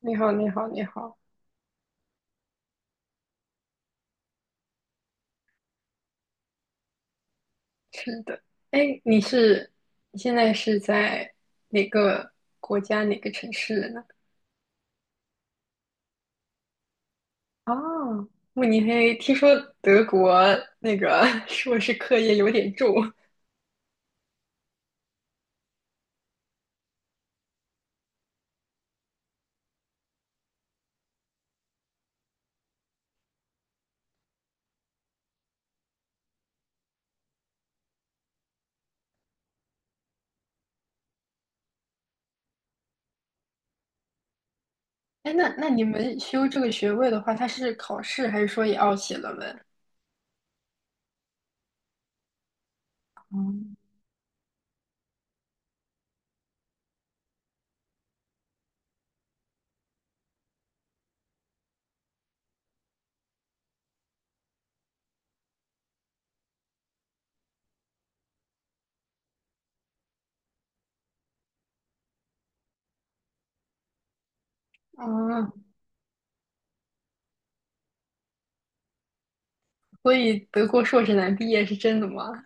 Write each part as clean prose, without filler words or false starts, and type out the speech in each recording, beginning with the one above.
你好，你好，你好，是的，哎，你是你现在是在哪个国家哪个城市呢？啊，慕尼黑，听说德国那个 硕士课业有点重。哎，那你们修这个学位的话，它是考试还是说也要写论文？嗯，啊，所以德国硕士难毕业是真的吗？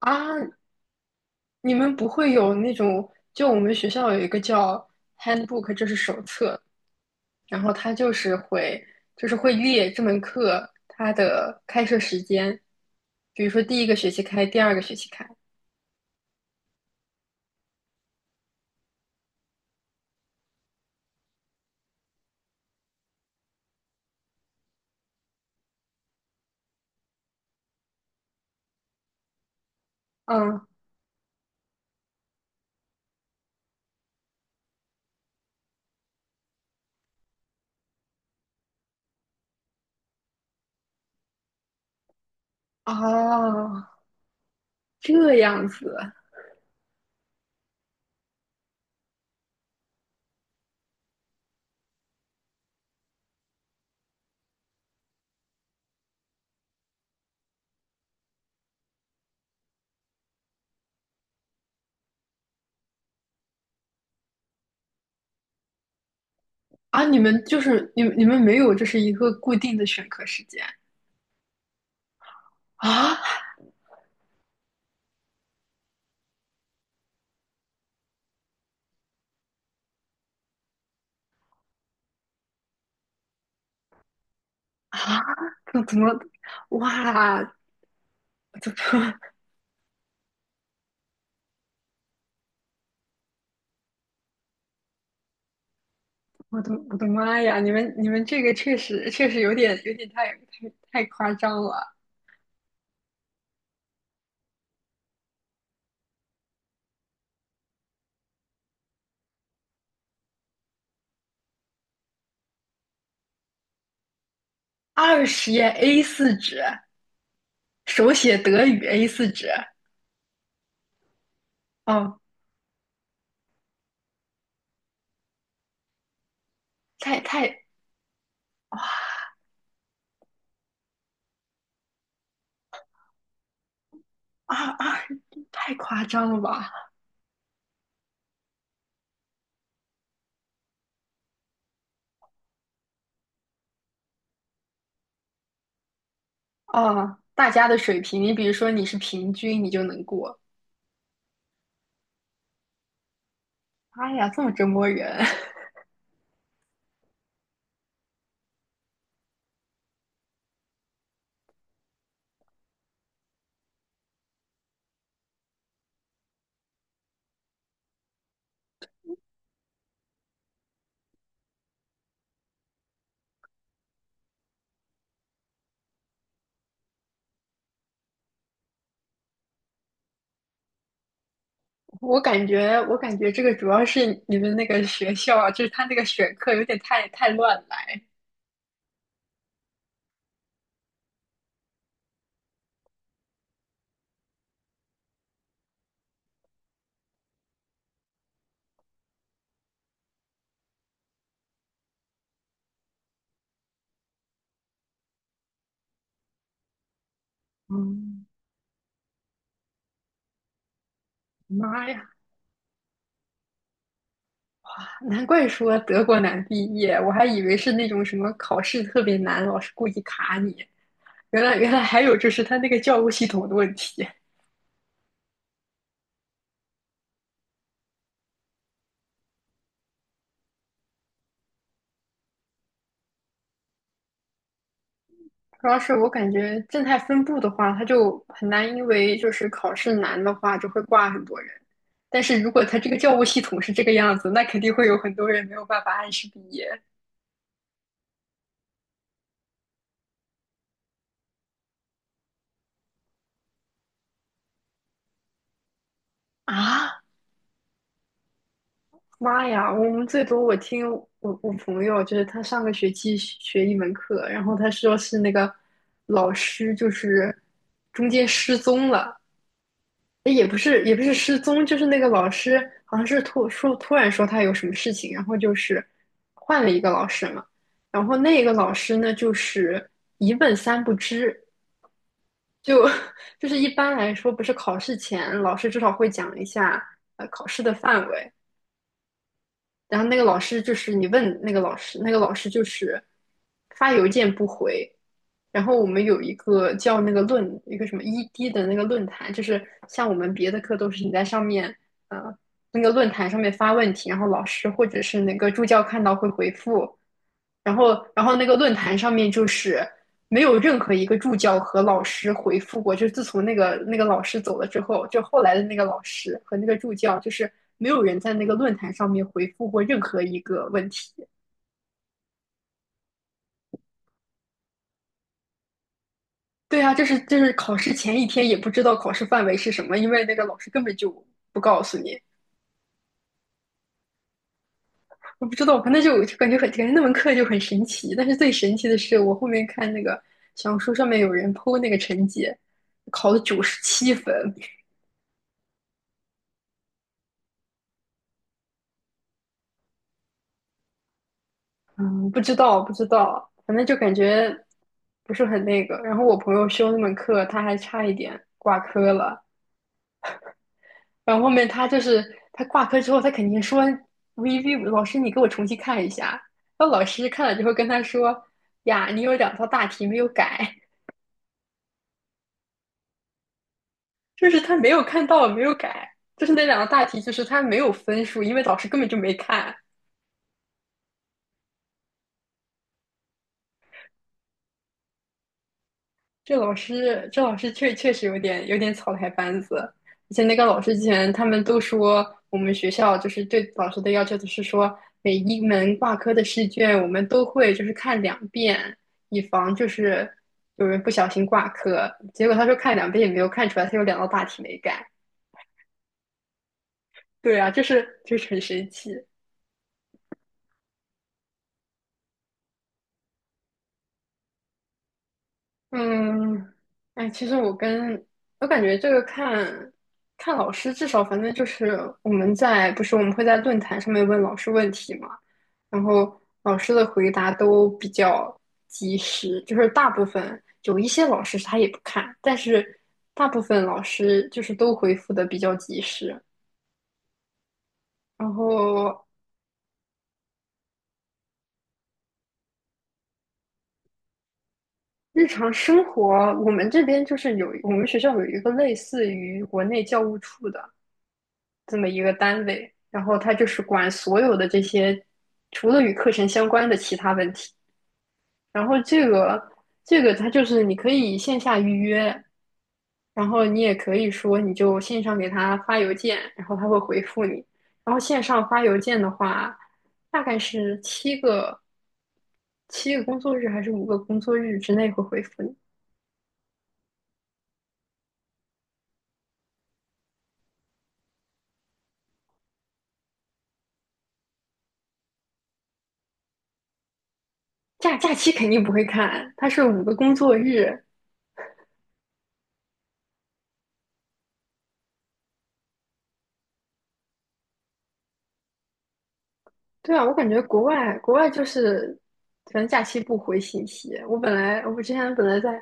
啊，你们不会有那种，就我们学校有一个叫 handbook，这是手册，然后它就是会列这门课它的开设时间，比如说第一个学期开，第二个学期开。嗯，哦，这样子啊，你们没有就是一个固定的选课时间啊啊？怎么哇？怎么我的妈呀！你们这个确实有点太夸张了。20页 A 四纸，手写德语 A 四纸。哦，太啊啊！太夸张了吧？啊，大家的水平，你比如说你是平均，你就能过。哎呀，这么折磨人！我感觉这个主要是你们那个学校啊就是他那个选课有点太乱来。嗯，妈呀，难怪说德国难毕业，我还以为是那种什么考试特别难，老师故意卡你。原来还有就是他那个教务系统的问题。主要是我感觉正态分布的话，它就很难，因为就是考试难的话，就会挂很多人。但是如果它这个教务系统是这个样子，那肯定会有很多人没有办法按时毕业啊！妈呀，我们最多我听我我朋友，就是他上个学期学一门课，然后他说是那个老师就是中间失踪了，也不是失踪，就是那个老师好像是突然说他有什么事情，然后就是换了一个老师嘛，然后那个老师呢就是一问三不知，就 就是一般来说不是考试前老师至少会讲一下考试的范围，然后那个老师就是你问那个老师，那个老师就是发邮件不回。然后我们有一个叫那个一个什么 ED 的那个论坛，就是像我们别的课都是你在上面呃那个论坛上面发问题，然后老师或者是那个助教看到会回复。然后那个论坛上面就是没有任何一个助教和老师回复过，就是自从那个老师走了之后，就后来的那个老师和那个助教，就是没有人在那个论坛上面回复过任何一个问题。对啊，就是考试前一天也不知道考试范围是什么，因为那个老师根本就不告诉你。我不知道，反正就感觉那门课就很神奇。但是最神奇的是，我后面看那个小红书上面有人 PO 那个成绩，考了97分，嗯不知道，反正就感觉不是很那个。然后我朋友修那门课，他还差一点挂科了。然后后面他就是他挂科之后，他肯定说 "VV 老师，你给我重新看一下。"然后老师看了之后跟他说："呀，你有两道大题没有改，就是他没有看到，没有改，就是那两道大题，就是他没有分数，因为老师根本就没看。这老师确实有点草台班子，而且那个老师之前他们都说，我们学校就是对老师的要求就是说，每一门挂科的试卷我们都会就是看两遍，以防就是有人不小心挂科。结果他说看两遍也没有看出来，他有两道大题没改。对啊，就是很神奇。嗯，哎，其实我感觉这个看看老师，至少反正就是我们在不是我们会在论坛上面问老师问题嘛，然后老师的回答都比较及时，就是大部分有一些老师他也不看，但是大部分老师就是都回复的比较及时。然后日常生活，我们这边就是我们学校有一个类似于国内教务处的。这么一个单位，然后他就是管所有的这些，除了与课程相关的其他问题。然后这个他就是你可以线下预约，然后你也可以说你就线上给他发邮件，然后他会回复你。然后线上发邮件的话，大概是七个工作日还是五个工作日之内会回复你。假期肯定不会看，它是五个工作日，对啊，我感觉国外就是，反正假期不回信息。我之前本来在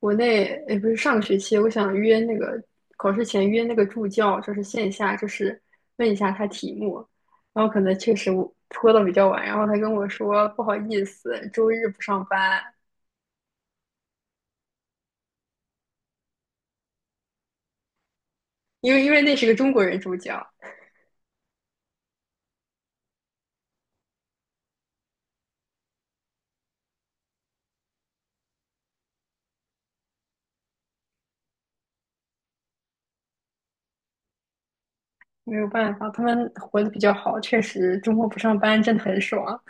国内，也不是上个学期，我想约那个考试前约那个助教，就是线下，就是问一下他题目。然后可能确实我拖的比较晚，然后他跟我说不好意思，周日不上班，因为那是个中国人助教，没有办法，他们活得比较好，确实周末不上班真的很爽。